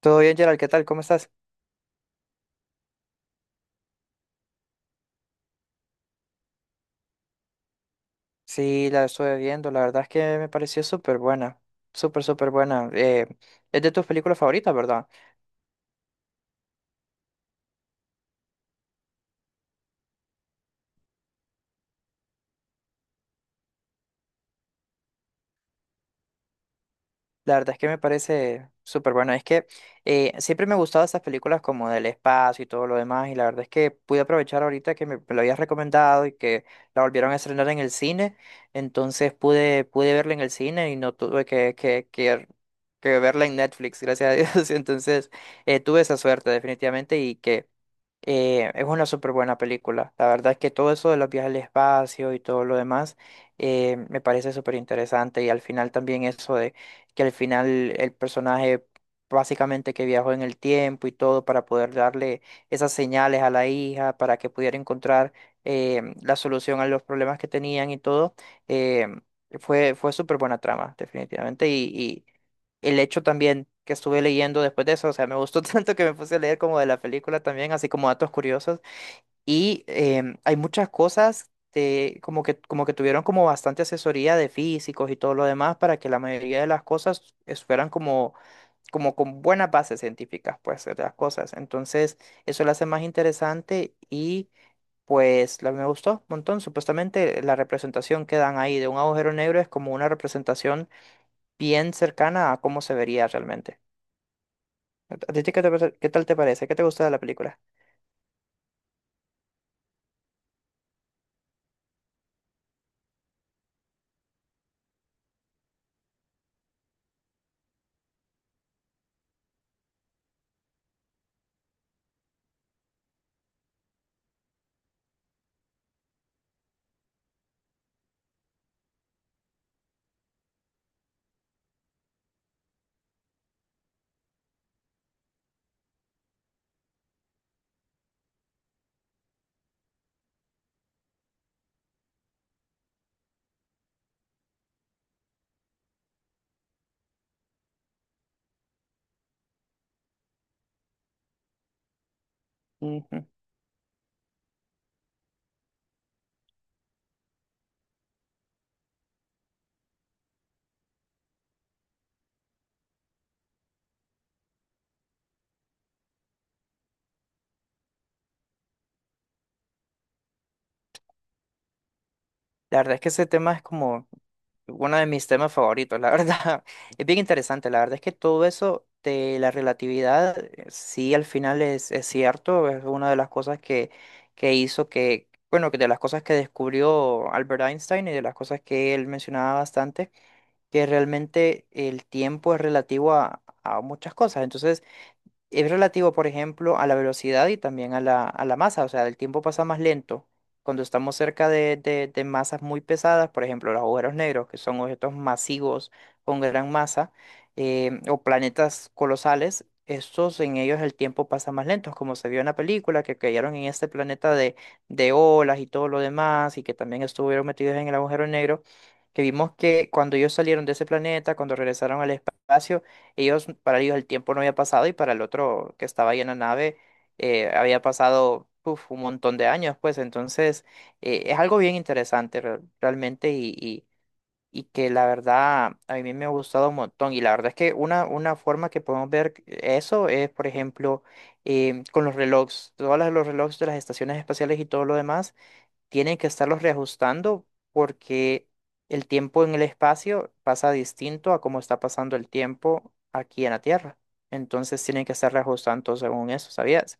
Todo bien, Gerald, ¿qué tal? ¿Cómo estás? Sí, la estuve viendo, la verdad es que me pareció súper buena, súper buena. Es de tus películas favoritas, ¿verdad? La verdad es que me parece súper buena. Es que siempre me gustaban esas películas como del espacio y todo lo demás, y la verdad es que pude aprovechar ahorita que me lo habías recomendado y que la volvieron a estrenar en el cine, entonces pude verla en el cine y no tuve que verla en Netflix, gracias a Dios. Entonces tuve esa suerte definitivamente y que... Es una súper buena película. La verdad es que todo eso de los viajes al espacio y todo lo demás me parece súper interesante. Y al final también eso de que al final el personaje básicamente que viajó en el tiempo y todo para poder darle esas señales a la hija para que pudiera encontrar la solución a los problemas que tenían y todo, eh, fue súper buena trama, definitivamente el hecho también que estuve leyendo después de eso, o sea, me gustó tanto que me puse a leer como de la película también, así como datos curiosos. Y hay muchas cosas de, como que tuvieron como bastante asesoría de físicos y todo lo demás para que la mayoría de las cosas fueran como, como con buenas bases científicas, pues, de las cosas. Entonces, eso lo hace más interesante y me gustó un montón. Supuestamente la representación que dan ahí de un agujero negro es como una representación bien cercana a cómo se vería realmente. ¿A ti qué tal te parece? ¿Qué te gusta de la película? Ujú. La verdad es que ese tema es como uno de mis temas favoritos, la verdad. Es bien interesante, la verdad es que todo eso de la relatividad, sí, al final es cierto, es una de las cosas que hizo que, bueno, que de las cosas que descubrió Albert Einstein y de las cosas que él mencionaba bastante, que realmente el tiempo es relativo a muchas cosas. Entonces, es relativo, por ejemplo, a la velocidad y también a a la masa, o sea, el tiempo pasa más lento. Cuando estamos cerca de masas muy pesadas, por ejemplo, los agujeros negros, que son objetos masivos con gran masa, o planetas colosales, estos en ellos el tiempo pasa más lento, como se vio en la película, que cayeron en este planeta de olas y todo lo demás, y que también estuvieron metidos en el agujero negro, que vimos que cuando ellos salieron de ese planeta, cuando regresaron al espacio, para ellos el tiempo no había pasado y para el otro que estaba ahí en la nave había pasado uf, un montón de años, pues entonces es algo bien interesante realmente y que la verdad a mí me ha gustado un montón y la verdad es que una forma que podemos ver eso es, por ejemplo, con los relojes, todos los relojes de las estaciones espaciales y todo lo demás tienen que estarlos reajustando porque el tiempo en el espacio pasa distinto a cómo está pasando el tiempo aquí en la Tierra. Entonces tienen que estar reajustando según eso, ¿sabías?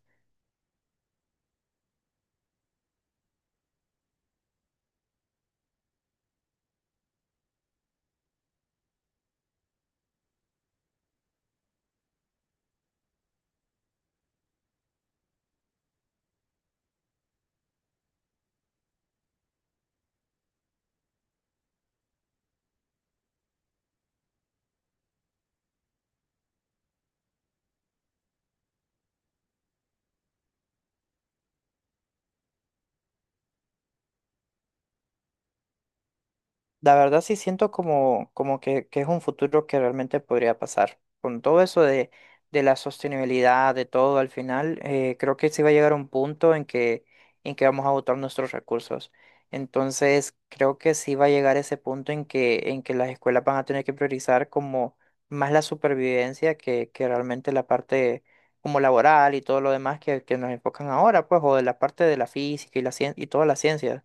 La verdad sí siento como, que es un futuro que realmente podría pasar. Con todo eso de la sostenibilidad, de todo al final, creo que sí va a llegar un punto en que vamos a agotar nuestros recursos. Entonces, creo que sí va a llegar ese punto en que las escuelas van a tener que priorizar como más la supervivencia que realmente la parte como laboral y todo lo demás que nos enfocan ahora, pues, o de la parte de la física y la y todas las ciencias.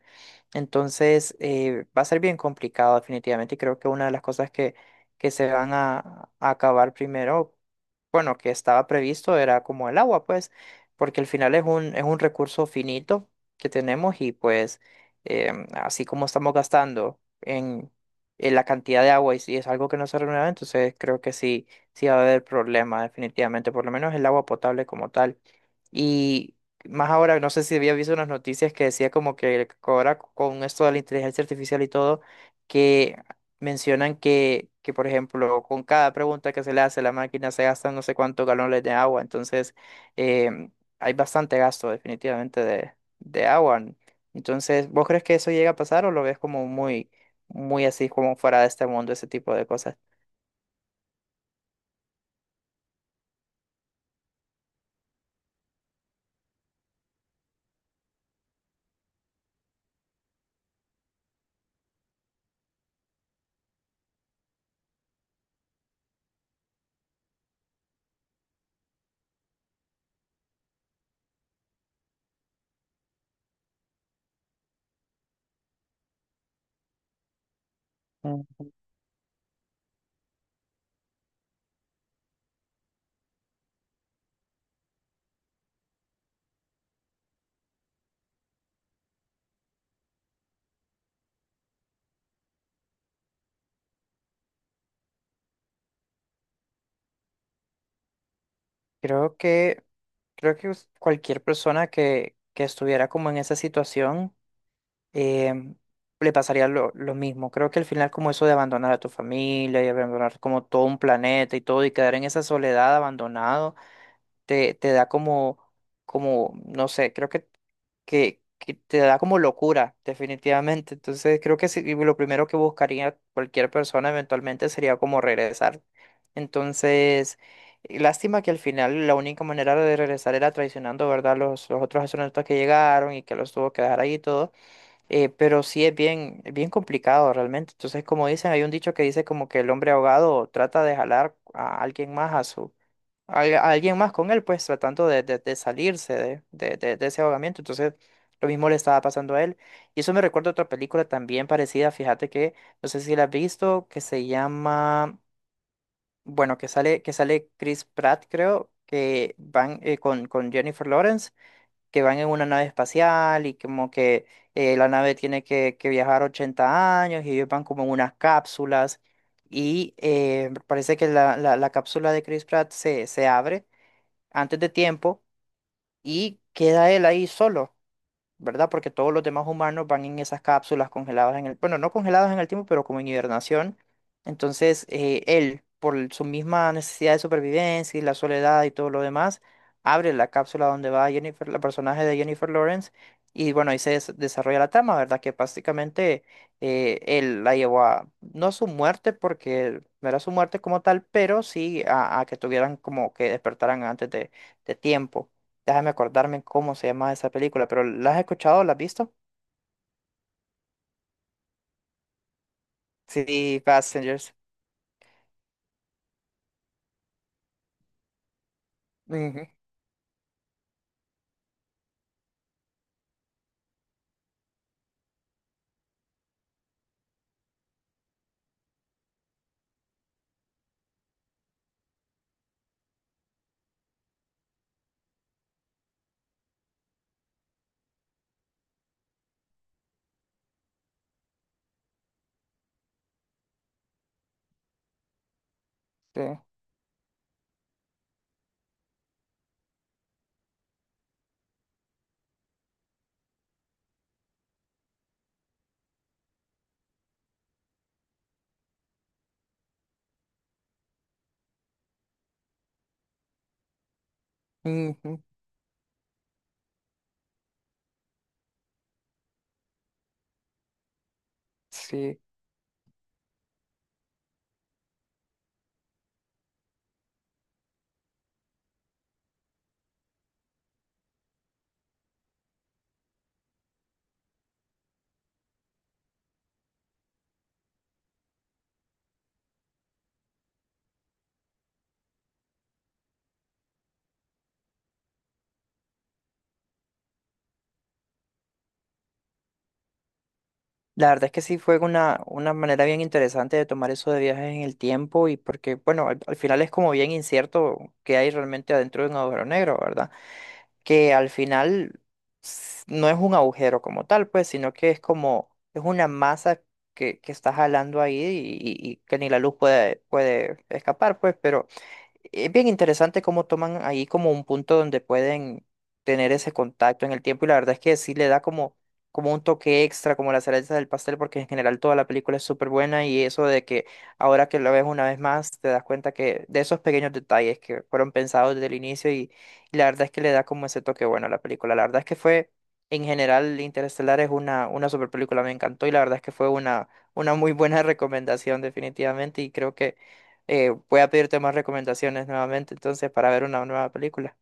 Entonces, va a ser bien complicado definitivamente y creo que una de las cosas que se van a acabar primero, bueno, que estaba previsto era como el agua, pues, porque al final es un recurso finito que tenemos y pues así como estamos gastando en la cantidad de agua y si es algo que no se renueva, entonces creo que sí, sí va a haber problema definitivamente, por lo menos el agua potable como tal. Y más ahora, no sé si había visto unas noticias que decía como que ahora con esto de la inteligencia artificial y todo, que mencionan que, por ejemplo, con cada pregunta que se le hace a la máquina se gastan no sé cuántos galones de agua. Entonces, eh, hay bastante gasto definitivamente de agua. Entonces, ¿vos crees que eso llega a pasar o lo ves como muy, muy así, como fuera de este mundo, ese tipo de cosas? Ujú. Creo que, creo que cualquier persona que estuviera como en esa situación em, le pasaría lo mismo. Creo que al final como eso de abandonar a tu familia y abandonar como todo un planeta y todo y quedar en esa soledad abandonado, te da como, como, no sé, creo que te da como locura, definitivamente. Entonces creo que sí, lo primero que buscaría cualquier persona eventualmente sería como regresar. Entonces, y lástima que al final la única manera de regresar era traicionando, ¿verdad? Los otros astronautas que llegaron y que los tuvo que dejar ahí y todo. Pero sí es bien, bien complicado realmente. Entonces, como dicen, hay un dicho que dice como que el hombre ahogado trata de jalar a alguien más a su, a alguien más con él, pues tratando de, de salirse de, de ese ahogamiento. Entonces, lo mismo le estaba pasando a él. Y eso me recuerda a otra película también parecida, fíjate que, no sé si la has visto, que se llama, bueno, que que sale Chris Pratt, creo, que van con Jennifer Lawrence que van en una nave espacial y como que la nave tiene que viajar 80 años y ellos van como en unas cápsulas y parece que la cápsula de Chris Pratt se, se abre antes de tiempo y queda él ahí solo. ¿Verdad? Porque todos los demás humanos van en esas cápsulas congeladas en el, bueno, no congeladas en el tiempo, pero como en hibernación. Entonces, él, por su misma necesidad de supervivencia y la soledad y todo lo demás, abre la cápsula donde va Jennifer, la personaje de Jennifer Lawrence, y bueno, ahí se desarrolla la trama, ¿verdad? Que básicamente él la llevó a, no a su muerte, porque no era su muerte como tal, pero sí a que tuvieran como que despertaran antes de tiempo. Déjame acordarme cómo se llama esa película, pero ¿la has escuchado? ¿La has visto? Sí, Passengers. Ujú, sí. Ujú, sí. La verdad es que sí fue una manera bien interesante de tomar eso de viajes en el tiempo y porque, bueno, al, al final es como bien incierto qué hay realmente adentro de un agujero negro, ¿verdad? Que al final no es un agujero como tal, pues, sino que es como, es una masa que está jalando ahí y, y que ni la luz puede, puede escapar, pues, pero... Es bien interesante cómo toman ahí como un punto donde pueden tener ese contacto en el tiempo y la verdad es que sí le da como, como un toque extra, como la cereza del pastel, porque en general toda la película es súper buena y eso de que ahora que la ves una vez más te das cuenta que de esos pequeños detalles que fueron pensados desde el inicio y la verdad es que le da como ese toque bueno a la película. La verdad es que fue, en general, Interestelar es una super película, me encantó y la verdad es que fue una muy buena recomendación definitivamente y creo que voy a pedirte más recomendaciones nuevamente, entonces, para ver una nueva película.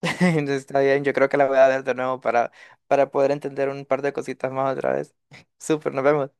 Entonces, está bien, yo creo que la voy a ver de nuevo para poder entender un par de cositas más otra vez. Súper, nos vemos.